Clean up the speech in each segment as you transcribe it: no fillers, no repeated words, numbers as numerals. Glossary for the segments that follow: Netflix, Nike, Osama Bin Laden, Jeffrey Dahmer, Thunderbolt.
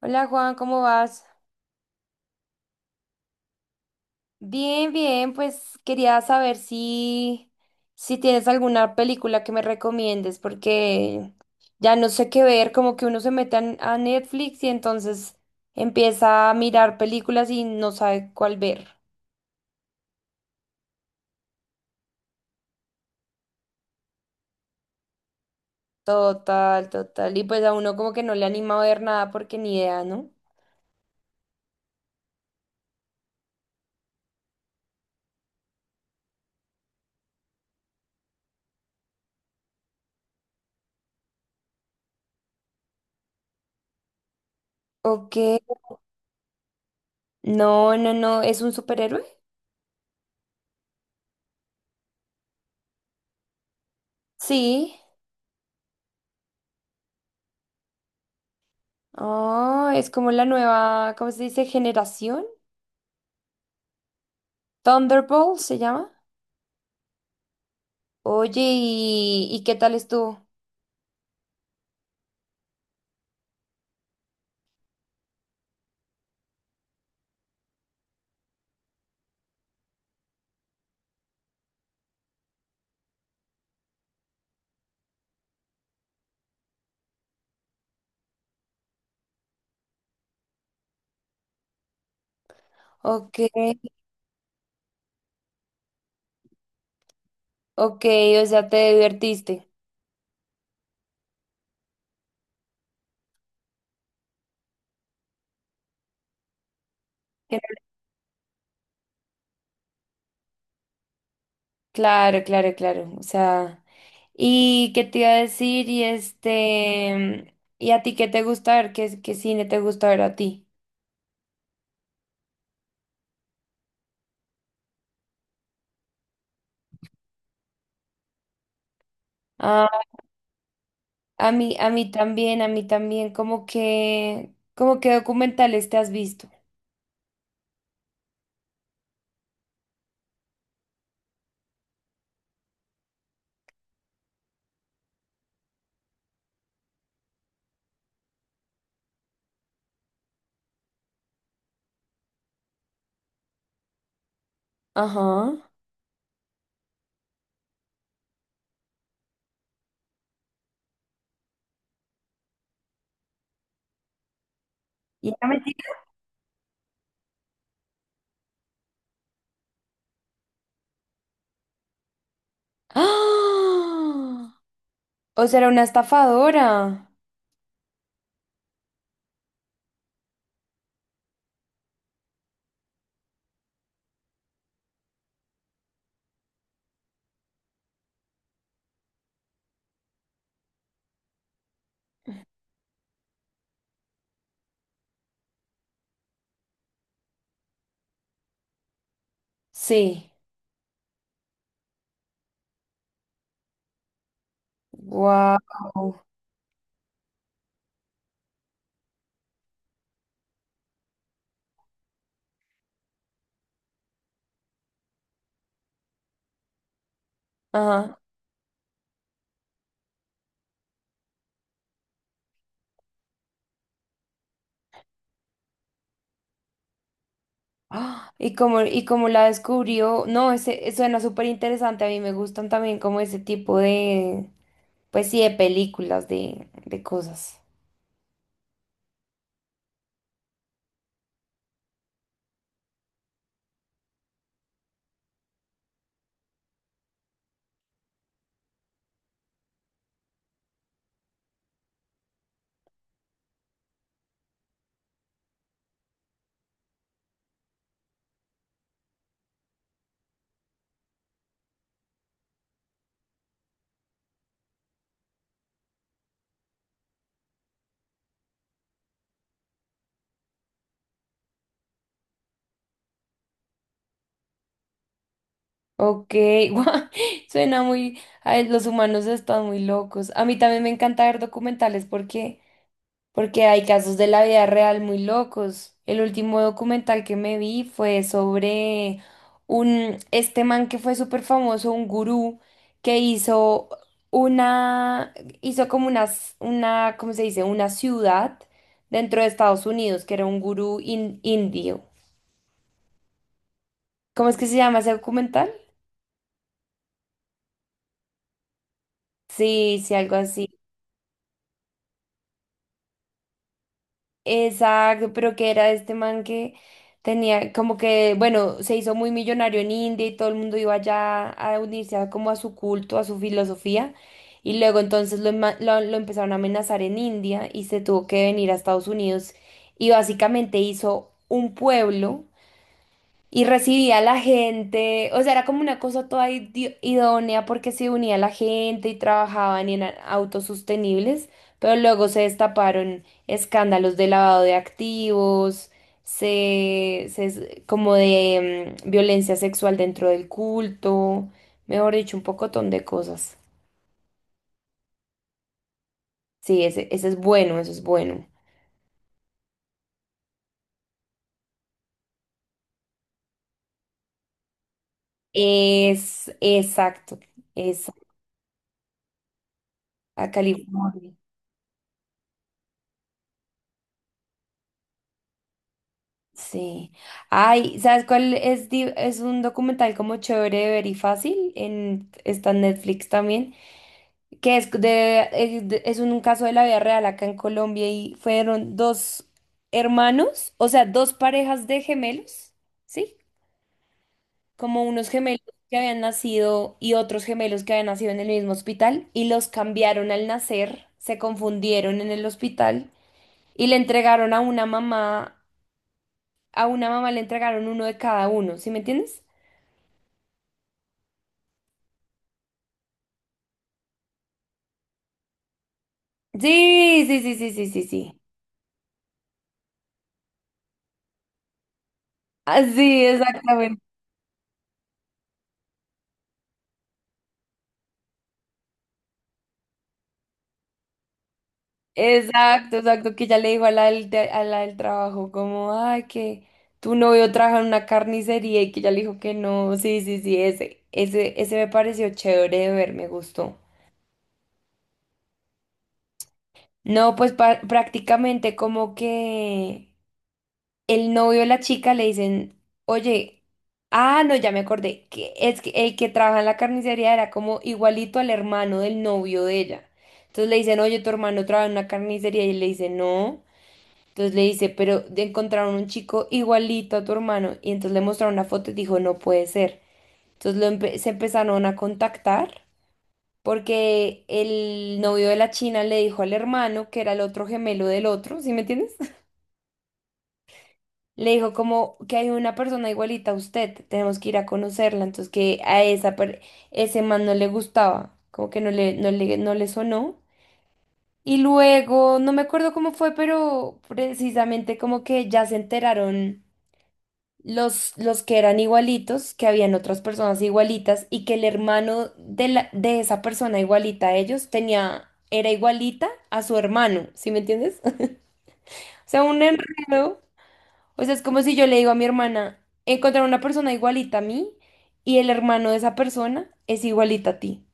Hola Juan, ¿cómo vas? Bien, bien, pues quería saber si tienes alguna película que me recomiendes, porque ya no sé qué ver, como que uno se mete a Netflix y entonces empieza a mirar películas y no sabe cuál ver. Total, total. Y pues a uno como que no le anima a ver nada porque ni idea, ¿no? Ok. No, no, no, ¿es un superhéroe? Sí. Oh, es como la nueva, ¿cómo se dice? Generación. Thunderbolt se llama. Oye, ¿y qué tal estuvo? Ok, ok, o sea, te divertiste. Claro, claro, claro. O sea, ¿y qué te iba a decir? Y este, ¿y a ti qué te gusta ver? ¿Qué cine te gusta ver a ti? Ah, a mí también, a mí también, como que documentales te has visto. Ajá. Y era mentira. ¡Ah! O sea, era una estafadora. Sí. Wow. ¡Ah! Y como la descubrió, no, ese, suena súper interesante. A mí me gustan también como ese tipo de, pues sí, de películas, de cosas. Ok, guau, suena muy, ay, los humanos están muy locos. A mí también me encanta ver documentales porque porque hay casos de la vida real muy locos. El último documental que me vi fue sobre un, este man que fue súper famoso, un gurú, que hizo una, hizo como una, una, ¿cómo se dice? Una ciudad dentro de Estados Unidos, que era un gurú indio. ¿Cómo es que se llama ese documental? Sí, sí, algo así. Exacto, pero que era este man que tenía como que, bueno, se hizo muy millonario en India y todo el mundo iba allá a unirse a, como a su culto, a su filosofía. Y luego entonces lo empezaron a amenazar en India y se tuvo que venir a Estados Unidos y básicamente hizo un pueblo y recibía a la gente, o sea, era como una cosa toda idónea porque se unía a la gente y trabajaban en autosostenibles, pero luego se destaparon escándalos de lavado de activos, se como de violencia sexual dentro del culto, mejor dicho, un pocotón de cosas. Sí, ese es bueno, eso es bueno. Es exacto, es a California. Sí. Ay, ¿sabes cuál es? Es un documental como chévere de ver y fácil. En, está en Netflix también. Que es de, es un caso de la vida real acá en Colombia y fueron dos hermanos, o sea, dos parejas de gemelos, ¿sí? Como unos gemelos que habían nacido y otros gemelos que habían nacido en el mismo hospital y los cambiaron al nacer, se confundieron en el hospital y le entregaron a una mamá. A una mamá le entregaron uno de cada uno, ¿sí me entiendes? Sí, sí, sí, sí, sí, sí, sí. Así, exactamente. Exacto, exacto, que ya le dijo a la a la del trabajo, como, ay, que tu novio trabaja en una carnicería y que ya le dijo que no, sí, sí, sí, ese me pareció chévere de ver, me gustó. No, pues prácticamente como que el novio de la chica le dicen, oye, ah, no, ya me acordé, que es que el que trabaja en la carnicería era como igualito al hermano del novio de ella. Entonces le dicen, oye, tu hermano trabaja en una carnicería y le dice, no. Entonces le dice, pero encontraron un chico igualito a tu hermano y entonces le mostraron una foto y dijo, no puede ser. Entonces se empezaron a contactar porque el novio de la china le dijo al hermano que era el otro gemelo del otro, ¿sí me entiendes? Le dijo como que hay una persona igualita a usted, tenemos que ir a conocerla, entonces que a ese man no le gustaba, como que no le, no le, no le sonó. Y luego, no me acuerdo cómo fue, pero precisamente como que ya se enteraron los que eran igualitos, que habían otras personas igualitas y que el hermano de de esa persona igualita a ellos tenía, era igualita a su hermano, ¿sí me entiendes? O sea, un enredo. O sea, es como si yo le digo a mi hermana, encontrar una persona igualita a mí y el hermano de esa persona es igualita a ti.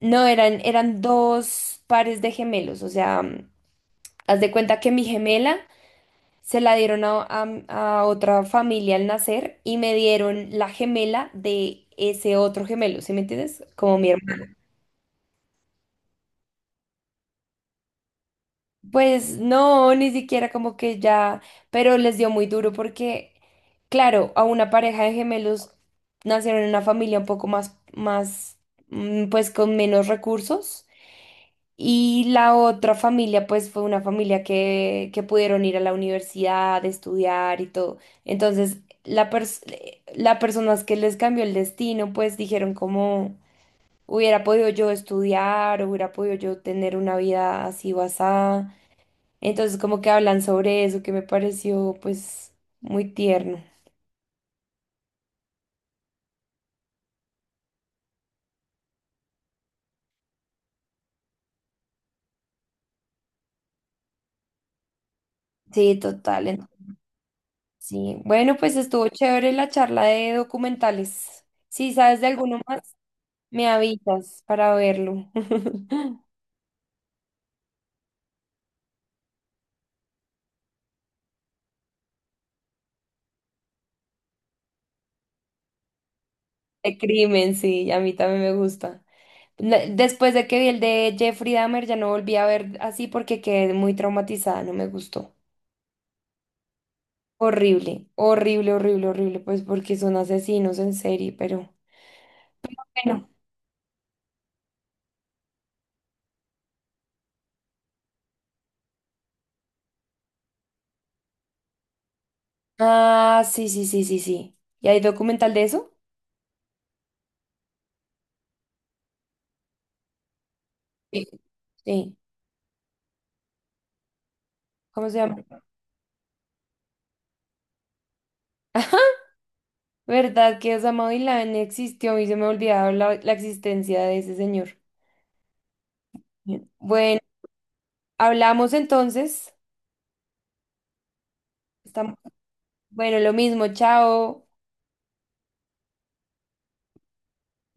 No, eran, eran dos pares de gemelos, o sea, mm, haz de cuenta que mi gemela se la dieron a, a otra familia al nacer y me dieron la gemela de ese otro gemelo, ¿sí me entiendes? Como mi hermana. Pues no, ni siquiera como que ya, pero les dio muy duro porque, claro, a una pareja de gemelos nacieron en una familia un poco más, más, mm, pues con menos recursos y la otra familia pues fue una familia que pudieron ir a la universidad, estudiar y todo. Entonces, las personas que les cambió el destino pues dijeron como hubiera podido yo estudiar, hubiera podido yo tener una vida así o así. Entonces como que hablan sobre eso que me pareció pues muy tierno. Sí, total. En- Sí. Bueno, pues estuvo chévere la charla de documentales. Si sabes de alguno más, me avisas para verlo. De crimen, sí, a mí también me gusta. La- Después de que vi el de Jeffrey Dahmer, ya no volví a ver así porque quedé muy traumatizada, no me gustó. Horrible, horrible, horrible, horrible, pues porque son asesinos en serie, pero bueno. Ah, sí, sí, sí, sí, sí. ¿Y hay documental de eso? Sí. Sí. ¿Cómo se llama? ¿Verdad que Osama Bin Laden existió y se me olvidaba la, la existencia de ese señor? Bien. Bueno, hablamos entonces. Estamos... Bueno, lo mismo, chao.